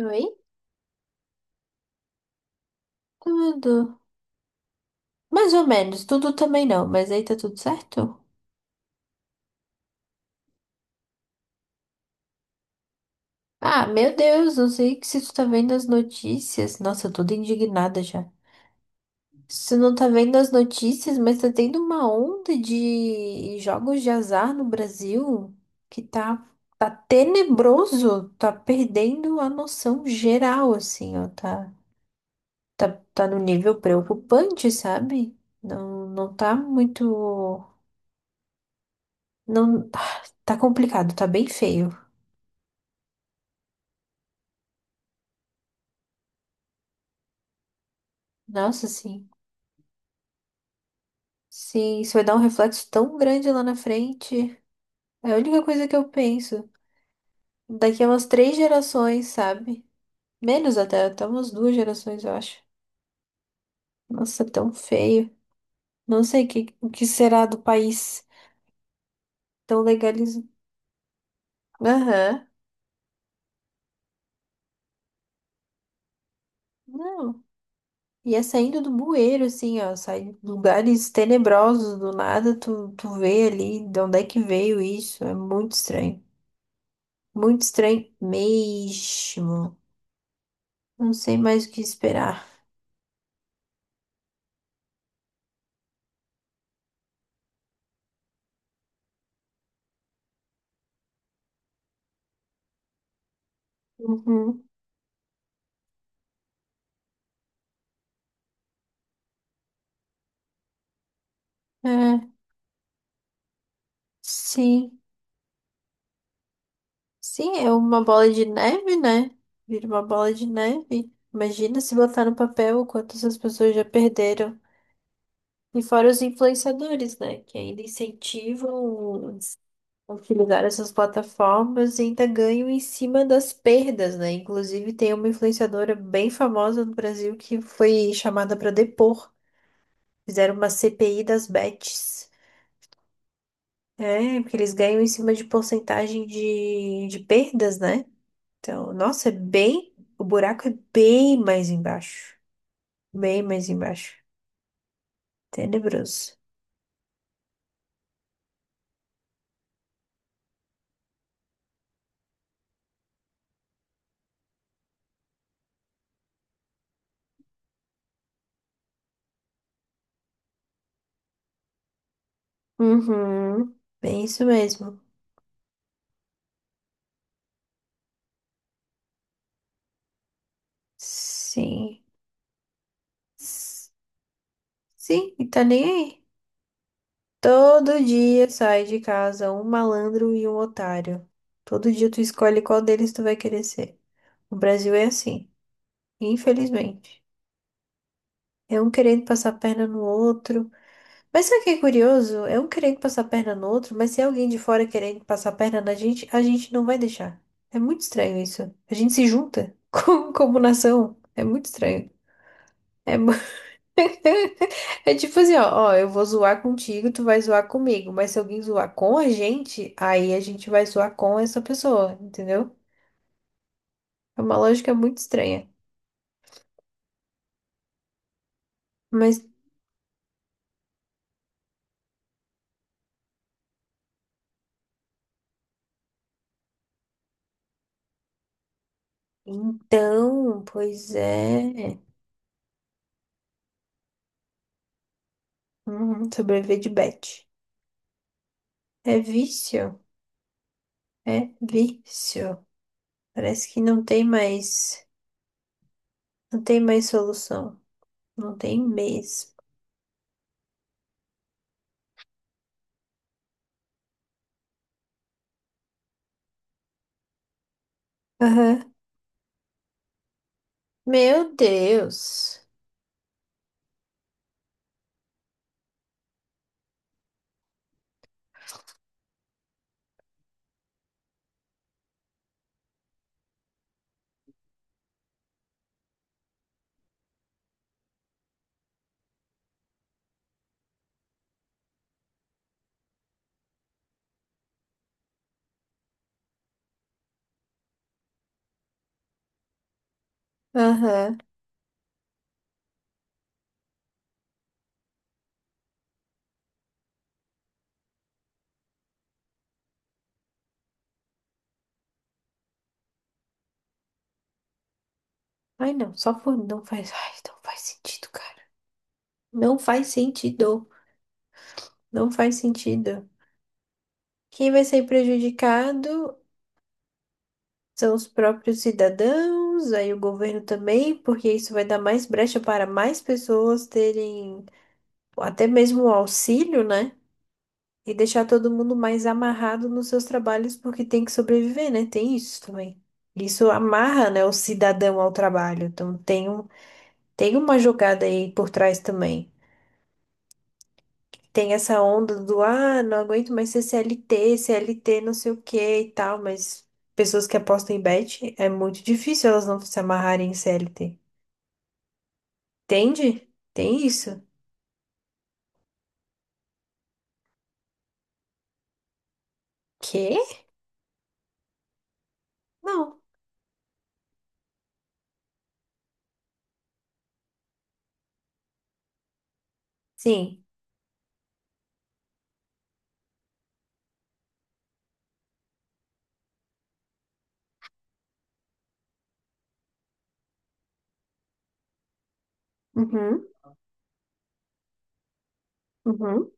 Oi? Tudo. Mais ou menos. Tudo também não, mas aí tá tudo certo? Ah, meu Deus, não sei que se tu tá vendo as notícias. Nossa, eu tô toda indignada já. Se tu não tá vendo as notícias, mas tá tendo uma onda de jogos de azar no Brasil que tá tenebroso. Tá perdendo a noção geral, assim, ó. Tá, tá no nível preocupante, sabe? Não, não tá muito. Não, tá complicado, tá bem feio. Nossa, sim. Sim, isso vai dar um reflexo tão grande lá na frente. É a única coisa que eu penso. Daqui a umas três gerações, sabe? Menos até, até umas duas gerações, eu acho. Nossa, tão feio. Não sei o que será do país tão legalizado. Aham. Não. E é saindo do bueiro, assim, ó. Sai de lugares tenebrosos do nada, tu vê ali de onde é que veio isso. É muito estranho. Muito estranho mesmo. Não sei mais o que esperar. Uhum. É, sim. Sim, é uma bola de neve, né? Vira uma bola de neve. Imagina se botar no papel o quanto essas pessoas já perderam. E fora os influenciadores, né? Que ainda incentivam a utilizar essas plataformas e ainda ganham em cima das perdas, né? Inclusive, tem uma influenciadora bem famosa no Brasil que foi chamada para depor. Fizeram uma CPI das bets. É, porque eles ganham em cima de porcentagem de perdas, né? Então, nossa, é bem. O buraco é bem mais embaixo. Bem mais embaixo. Tenebroso. Uhum. Bem isso mesmo. Sim. S- Sim, e tá nem aí. Todo dia sai de casa um malandro e um otário. Todo dia tu escolhe qual deles tu vai querer ser. O Brasil é assim, infelizmente. É um querendo passar a perna no outro. Mas sabe o que é curioso? É um querendo passar a perna no outro, mas se é alguém de fora querendo passar a perna na gente, a gente não vai deixar. É muito estranho isso. A gente se junta como, como nação. É muito estranho. É, é tipo assim, ó, ó, eu vou zoar contigo, tu vai zoar comigo, mas se alguém zoar com a gente, aí a gente vai zoar com essa pessoa, entendeu? É uma lógica muito estranha. Mas então, pois é. Uhum, sobreviver de bet. É vício. É vício. Parece que não tem mais solução. Não tem mesmo. Aham. Meu Deus. Aham. Ai, não, só por não faz, ai, não faz sentido, cara. Não faz sentido. Não faz sentido. Quem vai sair prejudicado são os próprios cidadãos, aí o governo também, porque isso vai dar mais brecha para mais pessoas terem até mesmo o auxílio, né? E deixar todo mundo mais amarrado nos seus trabalhos porque tem que sobreviver, né? Tem isso também. Isso amarra, né, o cidadão ao trabalho. Então tem uma jogada aí por trás também. Tem essa onda do, ah, não aguento mais ser CLT, CLT não sei o que e tal, mas pessoas que apostam em bet, é muito difícil elas não se amarrarem em CLT. Entende? Tem isso. Quê? Não. Sim. Uhum, uhum,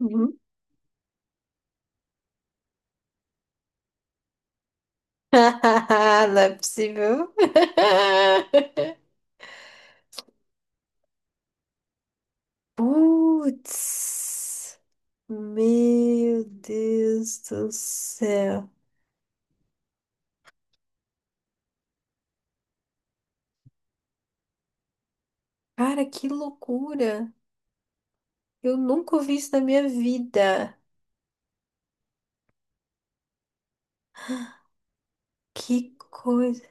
uhum. Não é possível. Putz, meu Deus do céu. Cara, que loucura. Eu nunca ouvi isso na minha vida. Que coisa.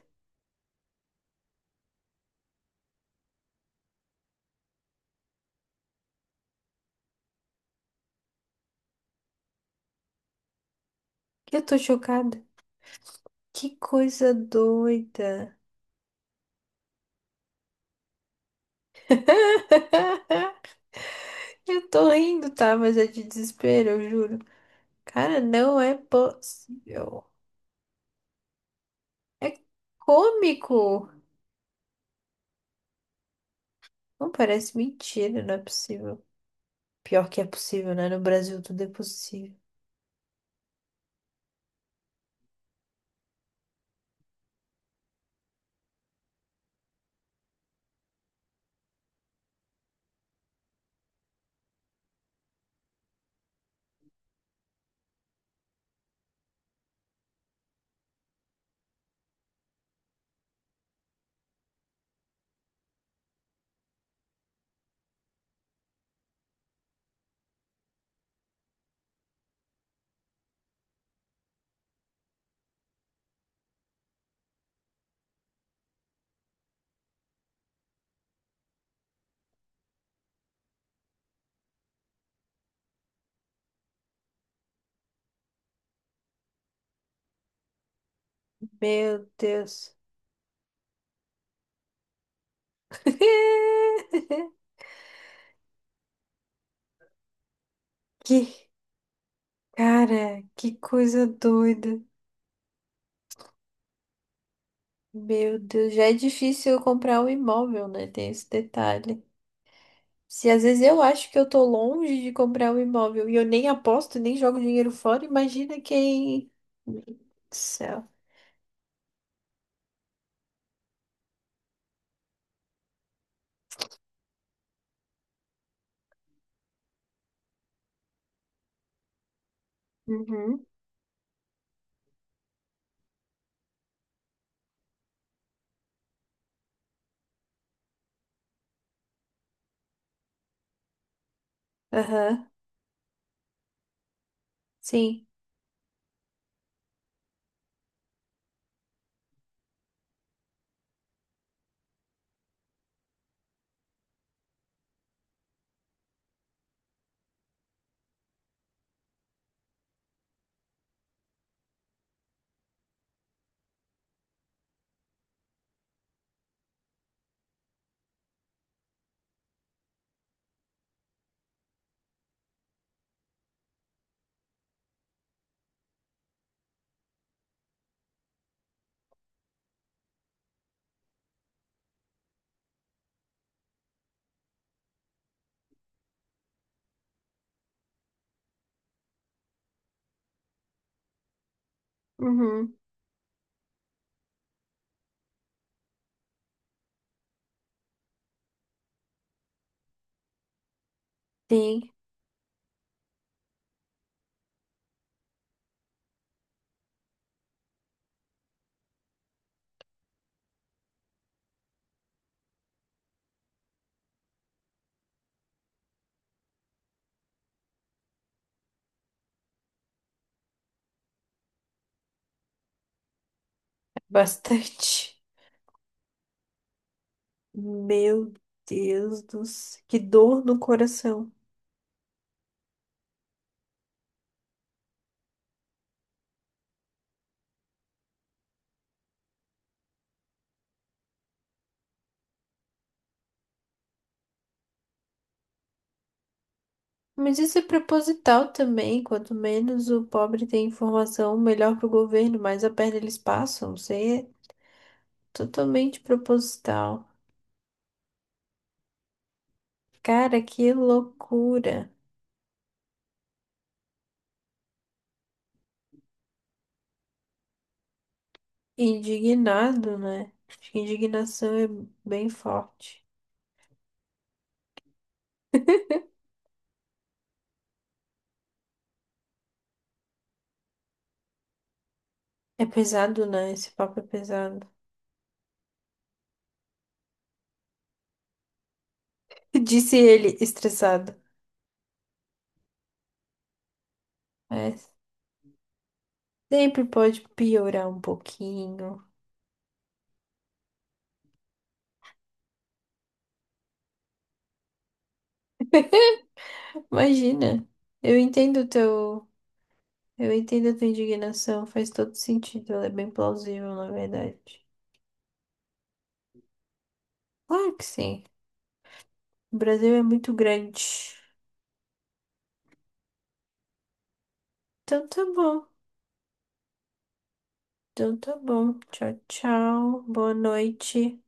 Eu tô chocada. Que coisa doida. Eu tô rindo, tá? Mas é de desespero, eu juro. Cara, não é possível. É cômico. Não parece mentira, não é possível. Pior que é possível, né? No Brasil tudo é possível. Meu Deus. Que, cara, que coisa doida. Meu Deus, já é difícil eu comprar um imóvel, né? Tem esse detalhe. Se às vezes eu acho que eu tô longe de comprar um imóvel e eu nem aposto, nem jogo dinheiro fora, imagina quem. Meu Deus do Céu. Uhum. Aham. Sim. Uhum. Sim. Bastante. Meu Deus do céu, que dor no coração. Mas isso é proposital também. Quanto menos o pobre tem informação, melhor para o governo, mais a perna eles passam. Isso aí é totalmente proposital. Cara, que loucura. Indignado, né? Acho que indignação é bem forte. É pesado, né? Esse papo é pesado. Disse ele, estressado. É, sempre pode piorar um pouquinho. Imagina. Eu entendo o teu Eu entendo a tua indignação, faz todo sentido, ela é bem plausível, na verdade. Claro que sim. O Brasil é muito grande. Então tá bom. Então tá bom. Tchau, tchau. Boa noite.